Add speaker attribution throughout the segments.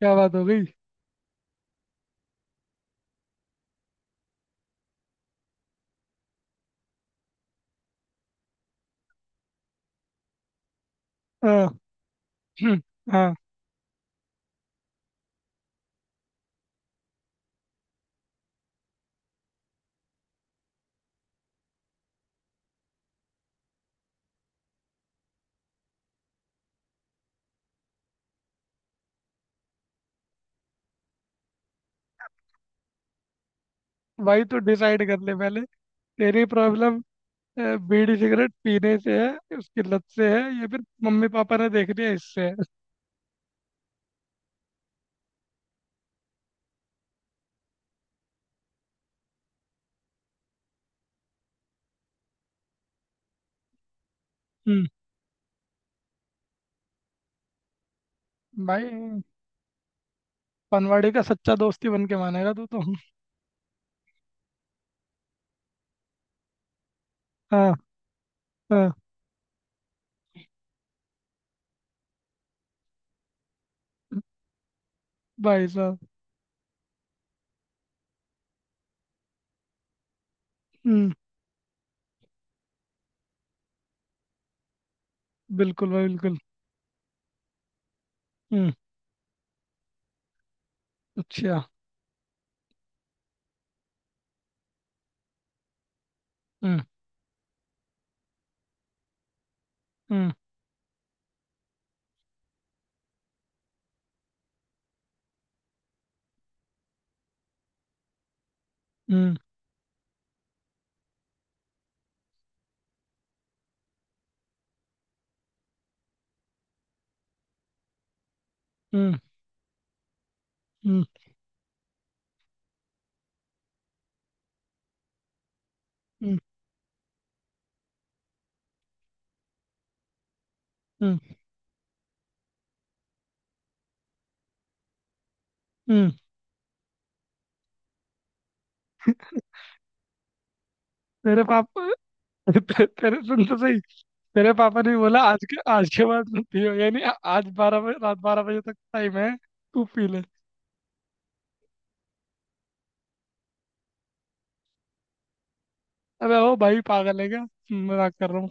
Speaker 1: क्या बात हो गई। हाँ। हाँ। भाई, तू डिसाइड कर ले पहले, तेरी प्रॉब्लम बीड़ी सिगरेट पीने से है, उसकी लत से है, या फिर मम्मी पापा ने देख लिया इससे है। हम्म। भाई, पनवाड़ी का सच्चा दोस्ती बन के मानेगा तू तो। हाँ, हाँ। भाई साहब। हम्म। बिल्कुल भाई, बिल्कुल। हम्म। अच्छा। हम्म, हम्म, हम्म, हम्म, हम्म, हम्म, हम्म, हम्म, तेरे पापा तेरे सुन तो सही। तेरे पापा ने बोला आज के बाद मत पियो, यानी आज 12 बजे रात 12 बजे तक टाइम है। तू पी ले। अबे ओ भाई, पागल है क्या। मजाक कर रहा हूँ।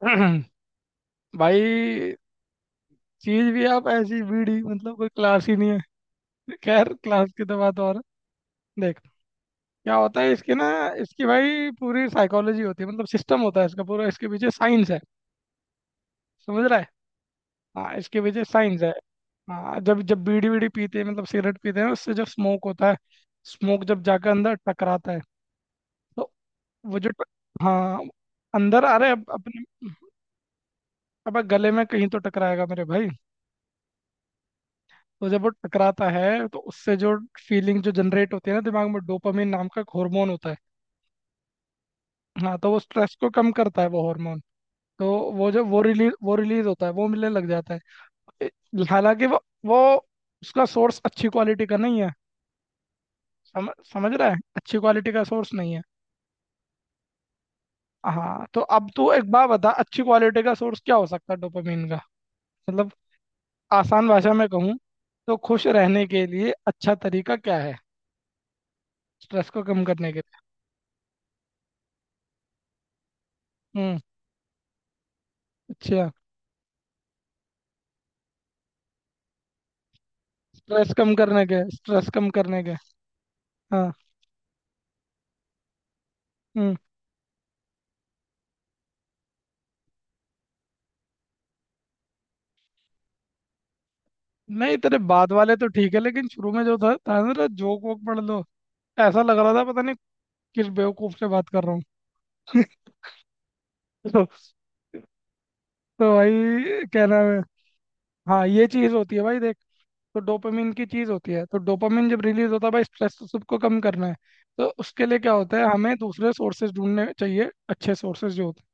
Speaker 1: भाई, चीज भी आप ऐसी बीड़ी मतलब कोई क्लास ही नहीं है। खैर क्लास की तो बात और है। देख, क्या होता है इसकी ना। इसकी भाई पूरी साइकोलॉजी होती है, मतलब सिस्टम होता है इसका पूरा, इसके पीछे साइंस है। समझ रहा है। हाँ, इसके पीछे साइंस है। हाँ, जब जब बीड़ी बीड़ी पीते हैं मतलब सिगरेट पीते हैं, उससे जो स्मोक होता है। स्मोक जब जाकर अंदर टकराता है, तो वो जो हाँ, अंदर आ रहे अब अपने। अब गले में कहीं तो टकराएगा मेरे भाई। तो जब वो टकराता है तो उससे जो फीलिंग जो जनरेट होती है ना, दिमाग में डोपामिन नाम का एक हार्मोन होता है। हाँ, तो वो स्ट्रेस को कम करता है वो हार्मोन। तो वो जो वो रिलीज होता है, वो मिलने लग जाता है। हालांकि वो उसका सोर्स अच्छी क्वालिटी का नहीं है। समझ समझ रहा है, अच्छी क्वालिटी का सोर्स नहीं है। हाँ, तो अब तू एक बात बता, अच्छी क्वालिटी का सोर्स क्या हो सकता है डोपामिन का। मतलब, आसान भाषा में कहूँ तो खुश रहने के लिए अच्छा तरीका क्या है। स्ट्रेस को कम करने के लिए। हम्म। अच्छा। स्ट्रेस कम करने के हाँ। हम्म। नहीं, तेरे बाद वाले तो ठीक है, लेकिन शुरू में जो था ना, तेरा जोक वोक पढ़ लो। ऐसा लग रहा था, पता नहीं किस बेवकूफ से बात कर रहा हूँ। तो, तो भाई क्या नाम है। हाँ, ये चीज होती है भाई, देख। तो डोपामिन की चीज होती है, तो डोपामिन जब रिलीज होता है भाई, स्ट्रेस तो सबको कम करना है। तो उसके लिए क्या होता है, हमें दूसरे सोर्सेज ढूंढने चाहिए, अच्छे सोर्सेज जो होते हैं।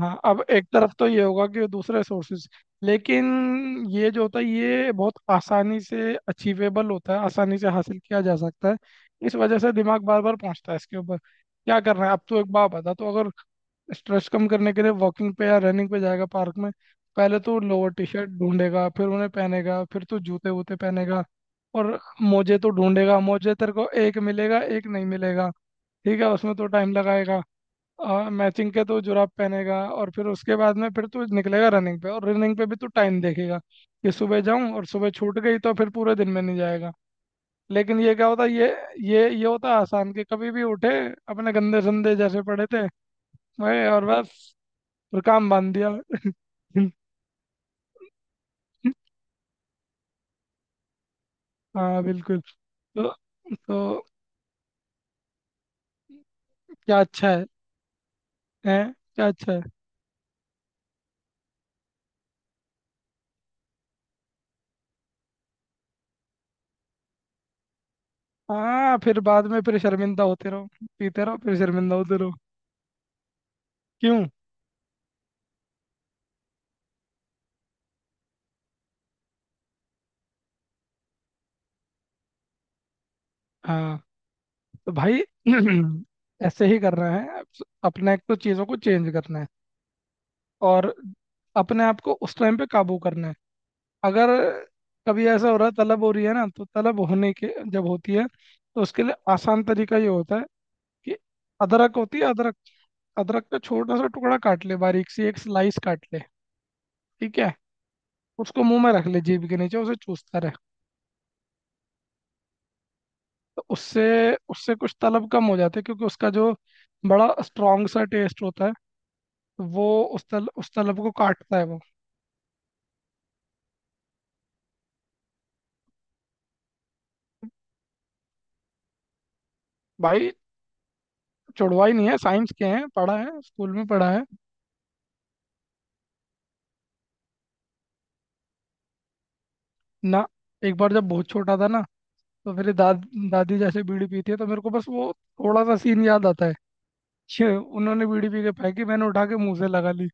Speaker 1: हाँ, अब एक तरफ तो ये होगा कि दूसरे सोर्सेज, लेकिन ये जो होता है ये बहुत आसानी से अचीवेबल होता है, आसानी से हासिल किया जा सकता है। इस वजह से दिमाग बार बार पहुंचता है इसके ऊपर। क्या करना है अब, तो एक बात बता, तो अगर स्ट्रेस कम करने के लिए वॉकिंग पे या रनिंग पे जाएगा पार्क में। पहले तो लोअर टी शर्ट ढूंढेगा, फिर उन्हें पहनेगा, फिर तो जूते वूते पहनेगा। और मोजे तो ढूंढेगा, मोजे तेरे को एक मिलेगा एक नहीं मिलेगा। ठीक है, उसमें तो टाइम लगाएगा। और मैचिंग के तो जुराब पहनेगा, और फिर उसके बाद में फिर तू निकलेगा रनिंग पे, और रनिंग पे भी तू टाइम देखेगा। कि सुबह जाऊं, और सुबह छूट गई तो फिर पूरे दिन में नहीं जाएगा। लेकिन ये क्या होता, ये होता आसान कि कभी भी उठे। अपने गंदे संदे जैसे पड़े थे। मैं और बस। फिर काम बांध दिया। हाँ, बिल्कुल। तो तो क्या अच्छा है, हैं क्या अच्छा है? हाँ, फिर बाद में फिर शर्मिंदा होते रहो। पीते रहो फिर शर्मिंदा होते रहो। क्यों? हाँ, तो भाई, ऐसे ही करना है, अपने को चीज़ों को चेंज करना है। और अपने आप को उस टाइम पे काबू करना है। अगर कभी ऐसा हो रहा है, तलब हो रही है ना, तो तलब होने के जब होती है, तो उसके लिए आसान तरीका ये होता है। कि अदरक होती है अदरक। अदरक का छोटा सा टुकड़ा काट ले, बारीक सी एक स्लाइस काट ले। ठीक है, उसको मुंह में रख ले जीभ के नीचे, उसे चूसता रहे। तो उससे उससे कुछ तलब कम हो जाती है, क्योंकि उसका जो बड़ा स्ट्रॉन्ग सा टेस्ट होता है। तो वो उस तलब को काटता है वो। भाई, छुड़वा ही नहीं है, साइंस के हैं, पढ़ा है, स्कूल में पढ़ा है। ना, एक बार जब बहुत छोटा था ना। तो मेरी दादी जैसे बीड़ी पीती है, तो मेरे को बस वो थोड़ा सा सीन याद आता है। छे, उन्होंने बीड़ी पी के फेंकी, मैंने उठा के मुंह से लगा ली।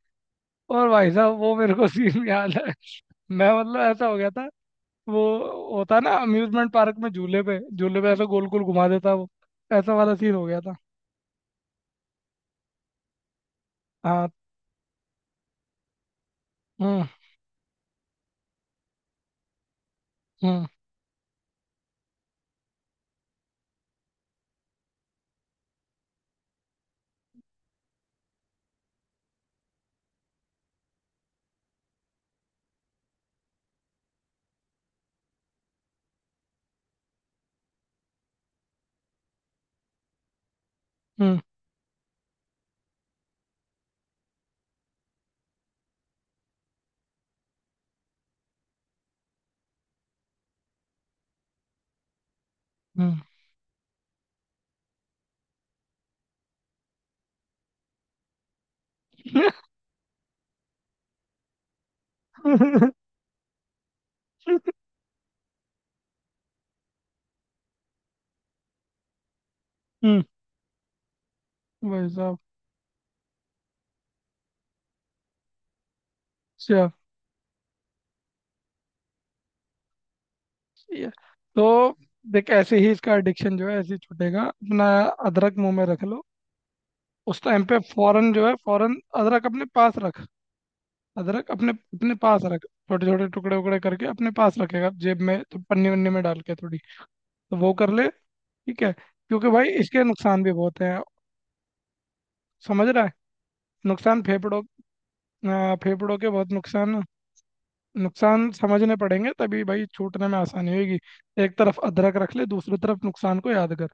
Speaker 1: और भाई साहब, वो मेरे को सीन याद है। मैं, मतलब ऐसा हो गया था। वो होता है ना, अम्यूजमेंट पार्क में झूले पे ऐसा गोल गोल घुमा देता है वो। ऐसा वाला सीन हो गया था। हाँ, हम्म, हम्म, हम्म, हम्म। हम्म। भाई साहब। अच्छा, ये- तो देख, ऐसे ही इसका एडिक्शन जो है ऐसे ही छूटेगा अपना। अदरक मुंह में रख लो। उस टाइम पे फौरन जो है, फौरन अदरक अपने पास रख। अदरक अपने अपने पास रख, छोटे छोटे टुकड़े उकड़े करके अपने पास रखेगा जेब में, तो पन्नी वन्नी में डाल के थोड़ी। तो वो कर ले। ठीक है, क्योंकि भाई इसके नुकसान भी बहुत हैं। समझ रहा है? नुकसान फेफड़ों, फेफड़ों के बहुत नुकसान। नुकसान समझने पड़ेंगे तभी भाई, छूटने में आसानी होगी। एक तरफ अदरक रख ले, दूसरी तरफ नुकसान को याद कर।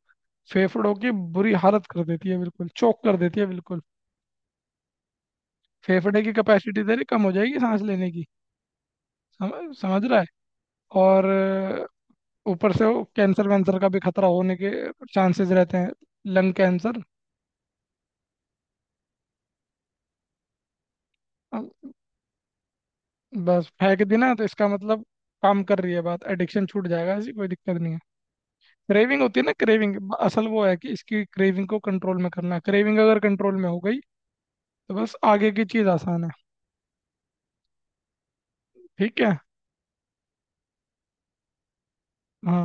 Speaker 1: फेफड़ों की बुरी हालत कर देती है बिल्कुल, चोक कर देती है बिल्कुल। फेफड़े की कैपेसिटी तेरी कम हो जाएगी सांस लेने की। समझ रहा है? और ऊपर से वो कैंसर वैंसर का भी खतरा होने के चांसेस रहते हैं, लंग कैंसर। अ, बस फेंक दी ना तो इसका मतलब, काम कर रही है बात, एडिक्शन छूट जाएगा, ऐसी कोई दिक्कत नहीं है। क्रेविंग होती है ना, क्रेविंग असल वो है कि इसकी क्रेविंग को कंट्रोल में करना है, क्रेविंग अगर कंट्रोल में हो गई। तो बस आगे की चीज आसान है। ठीक है। हाँ,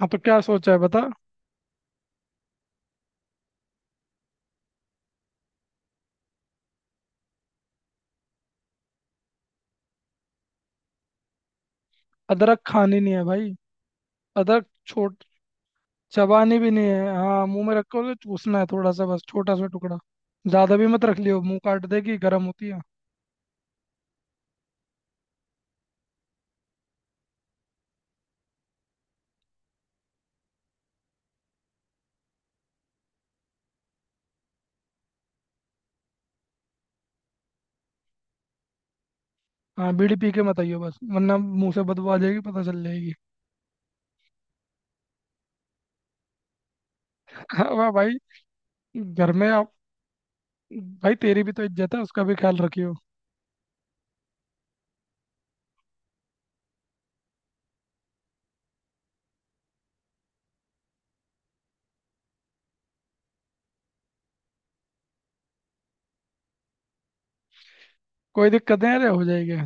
Speaker 1: हाँ, तो क्या सोचा है बता। अदरक खानी नहीं है भाई। अदरक छोट चबानी भी नहीं है, हाँ मुंह में रखो तो चूसना है थोड़ा सा, बस छोटा सा टुकड़ा। ज्यादा भी मत रख लियो, मुंह काट देगी, गर्म होती है। हाँ, बीड़ी पी के मत आइयो बस, वरना मुंह से बदबू आ जाएगी, पता चल जाएगी। वाह भाई। घर में आप, भाई तेरी भी तो इज्जत है, उसका भी ख्याल रखियो। कोई दिक्कत नहीं, अरे हो जाएगी।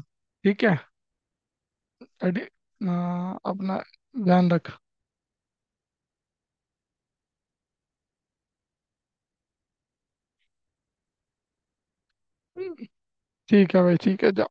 Speaker 1: ठीक है। अरे हाँ, अपना ध्यान रख। ठीक है भाई, ठीक है।